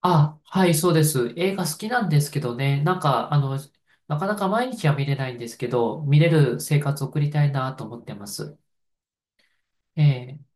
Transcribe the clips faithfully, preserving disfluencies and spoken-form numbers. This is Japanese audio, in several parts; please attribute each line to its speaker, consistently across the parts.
Speaker 1: あ、はい、そうです。映画好きなんですけどね、なんか、あの、なかなか毎日は見れないんですけど、見れる生活を送りたいなと思ってます。ええ。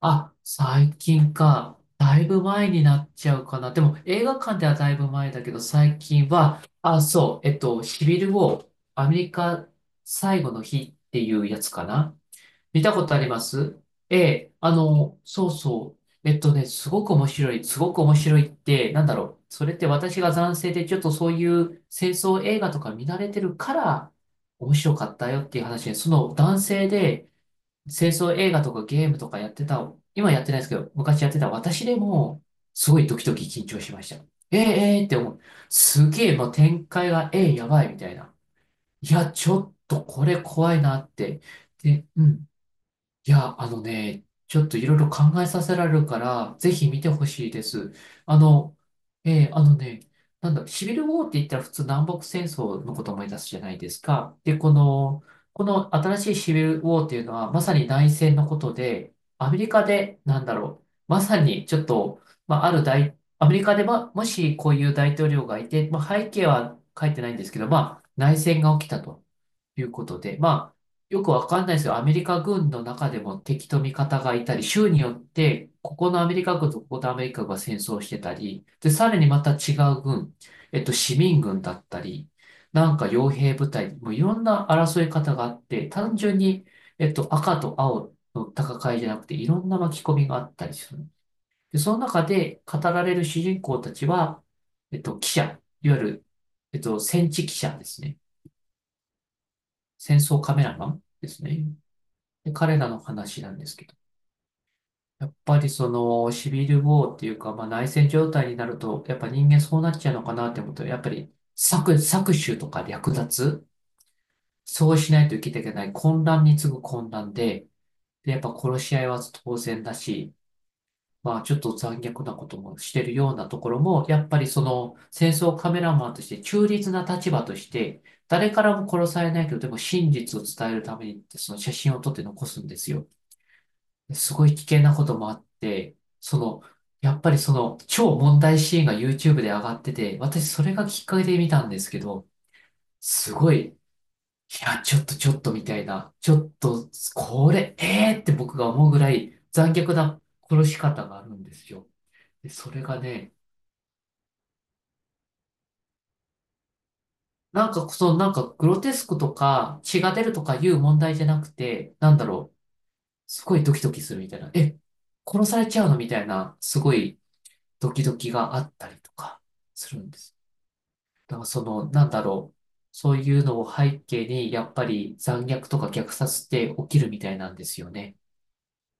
Speaker 1: あ、最近か。だいぶ前になっちゃうかな。でも、映画館ではだいぶ前だけど、最近は、あ、そう、えっと、シビルウォー、アメリカ最後の日っていうやつかな。見たことありますええ、あの、そうそう。えっとね、すごく面白い、すごく面白いって、なんだろう。それって私が男性でちょっとそういう戦争映画とか見慣れてるから面白かったよっていう話で、その男性で戦争映画とかゲームとかやってた、今やってないですけど、昔やってた私でも、すごいドキドキ緊張しました。ええ、ええって思う。すげえ、もう展開が、ええ、やばいみたいな。いや、ちょっとこれ怖いなって。で、うん。いや、あのね、ちょっといろいろ考えさせられるから、ぜひ見てほしいです。あの、えーあのね、なんだ、シビルウォーって言ったら普通南北戦争のことを思い出すじゃないですか。で、この、この新しいシビルウォーっていうのは、まさに内戦のことで、アメリカで、なんだろう、まさにちょっと、まあ、ある大、アメリカでは、もしこういう大統領がいて、まあ、背景は書いてないんですけど、まあ、内戦が起きたと。いうことで、まあ、よくわかんないですよ。アメリカ軍の中でも敵と味方がいたり、州によって、ここのアメリカ軍とここのアメリカ軍が戦争してたり、で、さらにまた違う軍、えっと、市民軍だったり、なんか傭兵部隊、もういろんな争い方があって、単純に、えっと、赤と青の戦いじゃなくて、いろんな巻き込みがあったりする。で、その中で語られる主人公たちは、えっと、記者、いわゆる、えっと、戦地記者ですね。戦争カメラマンですね。で、彼らの話なんですけど。やっぱりそのシビルウォーっていうか、まあ、内戦状態になると、やっぱ人間そうなっちゃうのかなって思うと、やっぱり搾、搾取とか略奪、そうしないと生きていけない混乱に次ぐ混乱で、で、やっぱ殺し合いは当然だし、まあ、ちょっと残虐なこともしてるようなところも、やっぱりその戦争カメラマンとして中立な立場として、誰からも殺されないけど、でも真実を伝えるためにって、その写真を撮って残すんですよ。すごい危険なこともあって、その、やっぱりその超問題シーンが ユーチューブ で上がってて、私それがきっかけで見たんですけど、すごい、いや、ちょっとちょっとみたいな、ちょっと、これ、えーって僕が思うぐらい残虐な殺し方があるんですよ。でそれがね、なんか、その、なんか、グロテスクとか、血が出るとかいう問題じゃなくて、なんだろう、すごいドキドキするみたいな、え、殺されちゃうのみたいな、すごいドキドキがあったりとかするんです。だから、その、なんだろう、そういうのを背景に、やっぱり残虐とか虐殺って起きるみたいなんですよね。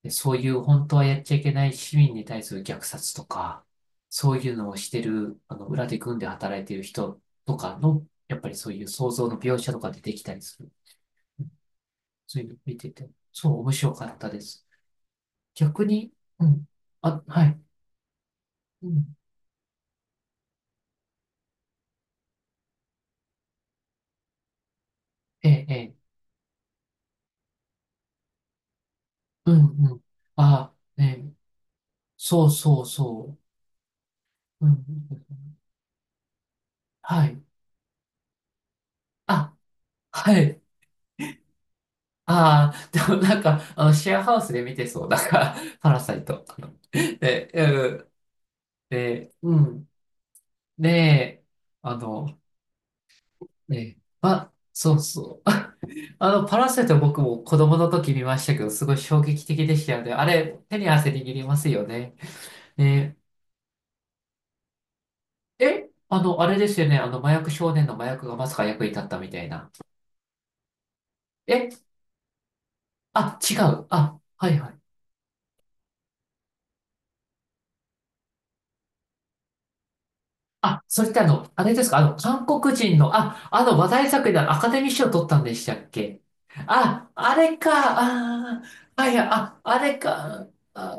Speaker 1: でそういう本当はやっちゃいけない市民に対する虐殺とか、そういうのをしてる、あの、裏で軍で働いてる人とかの、やっぱりそういう想像の描写とか出てきたりする。そういうの見てて、そう面白かったです。逆に、うん、あ、はい、うん、ええ、ええ、うん、うん、あ、ええ、そうそうそう、うん、はい、あ、はい、ああ、でもなんか、あの、シェアハウスで見てそう、なんか、パラサイト。あのえ、うんで、うん。で、あの、ね、あ、そうそう。あの、パラセト僕も子供の時見ましたけど、すごい衝撃的でしたよね。あれ、手に汗握りますよね。ね、え、あの、あれですよね。あの、麻薬少年の麻薬がまさか役に立ったみたいな。え、あ、違う。あ、はいはい。あ、それってあの、あれですか、あの、韓国人の、あ、あの話題作でアカデミー賞取ったんでしたっけあ、あれか、あー、はいはい、あ、あれか。あ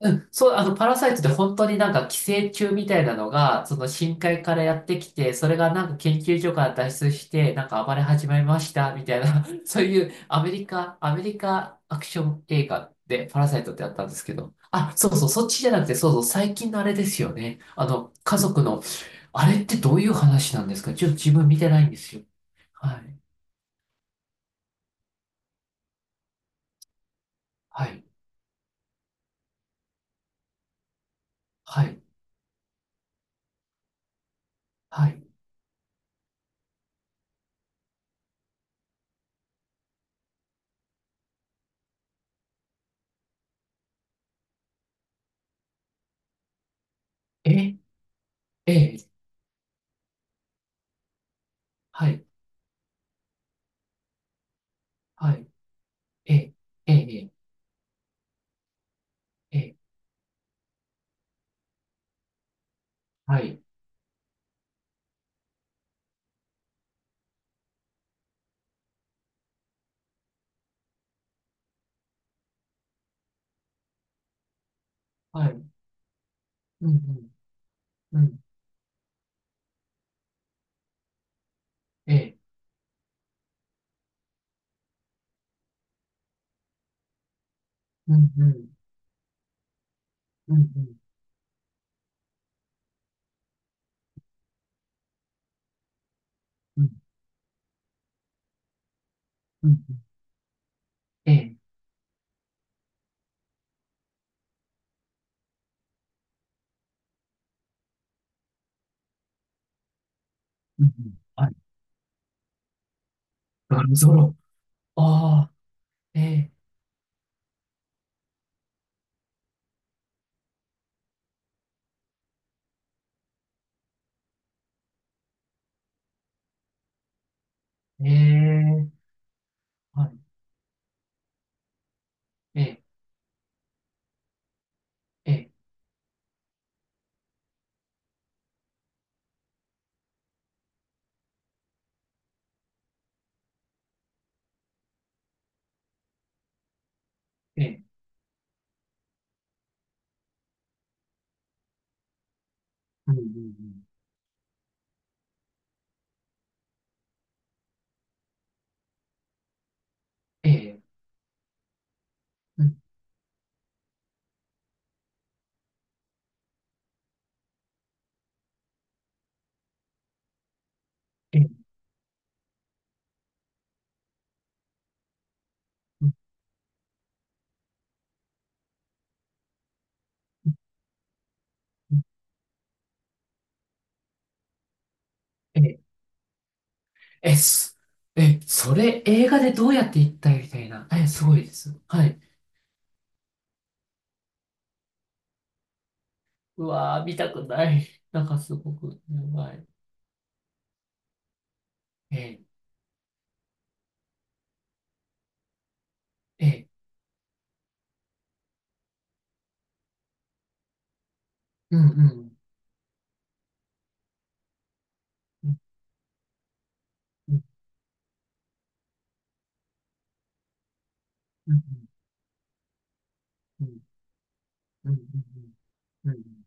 Speaker 1: うん、そう、あの、パラサイトって本当になんか寄生虫みたいなのが、その深海からやってきて、それがなんか研究所から脱出して、なんか暴れ始めました、みたいな、そういうアメリカ、アメリカアクション映画でパラサイトってあったんですけど、あ、そうそう、そっちじゃなくて、そうそう、最近のあれですよね。あの、家族の、あれってどういう話なんですかちょっと自分見てないんですよ。はい、はい、はい、はい。え、え、はい、はい、え、え、え、え、はい。はいうんうん、うん、ええ、うん、うん、うん、うん、うん、うん、ええ、うん、うん、はい、ガルゾロ。ああ、ええ、ええ、はい、ええ、ええ、ええ、うん、うん、うん、ええ、うん、ええ、うん、うん、ええ、え、す、え、それ映画でどうやって行ったみたいな。え、すごいです。はい。うわー、見たくない。なんかすごく、やばい。ええ、ええ、うん、うん、うん、うん、うん、うん、うん、うん、うん、うん、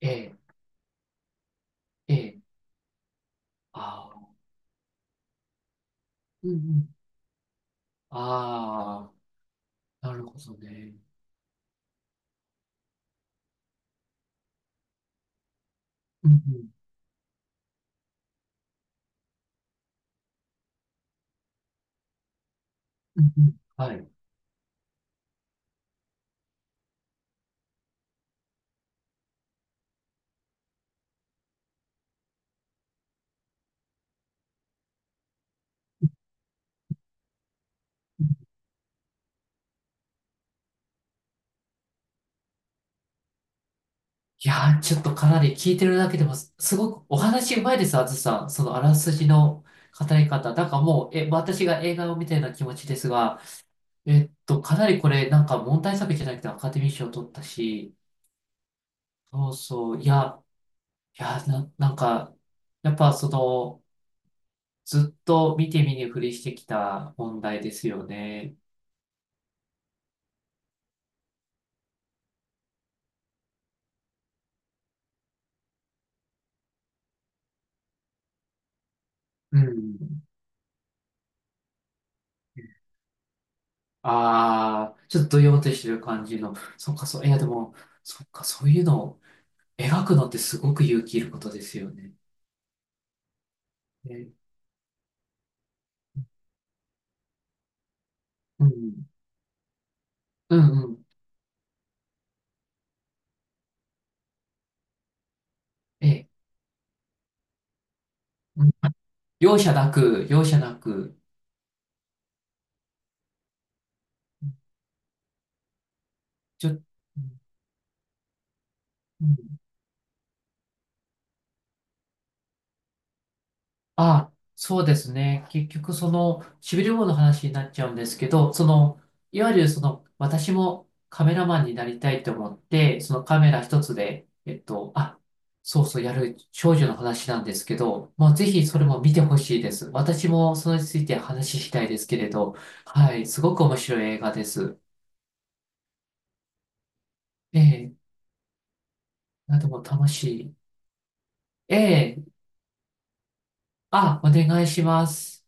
Speaker 1: ええ、ええ、ああ、うんうん。ああ、なるほどね。うんうん。うんうんはい。いやー、ちょっとかなり聞いてるだけでもす、すごくお話うまいです、あずさん。そのあらすじの語り方。なんかもう、え、私が映画を見たような気持ちですが、えっと、かなりこれ、なんか問題作じゃなくてアカデミー賞を取ったし、そうそう、いや、いや、な、なんか、やっぱその、ずっと見て見ぬふりしてきた問題ですよね。うん。ああ、ちょっとどよーんとしてる感じの。そっか、そう、いや、でも、そっか、そういうのを描くのってすごく勇気いることですよね。え、うん、うん、うん、え、うん。容赦なく、容赦なく、ちょ、うんあ、そうですね。結局、その、しびれ棒の話になっちゃうんですけど、その、いわゆるその、私もカメラマンになりたいと思って、そのカメラ一つで、えっと、あ、そうそう、やる少女の話なんですけど、もうぜひそれも見てほしいです。私もそれについて話したいですけれど、はい、すごく面白い映画です。ええ、なども楽しい。ええ、あ、お願いします。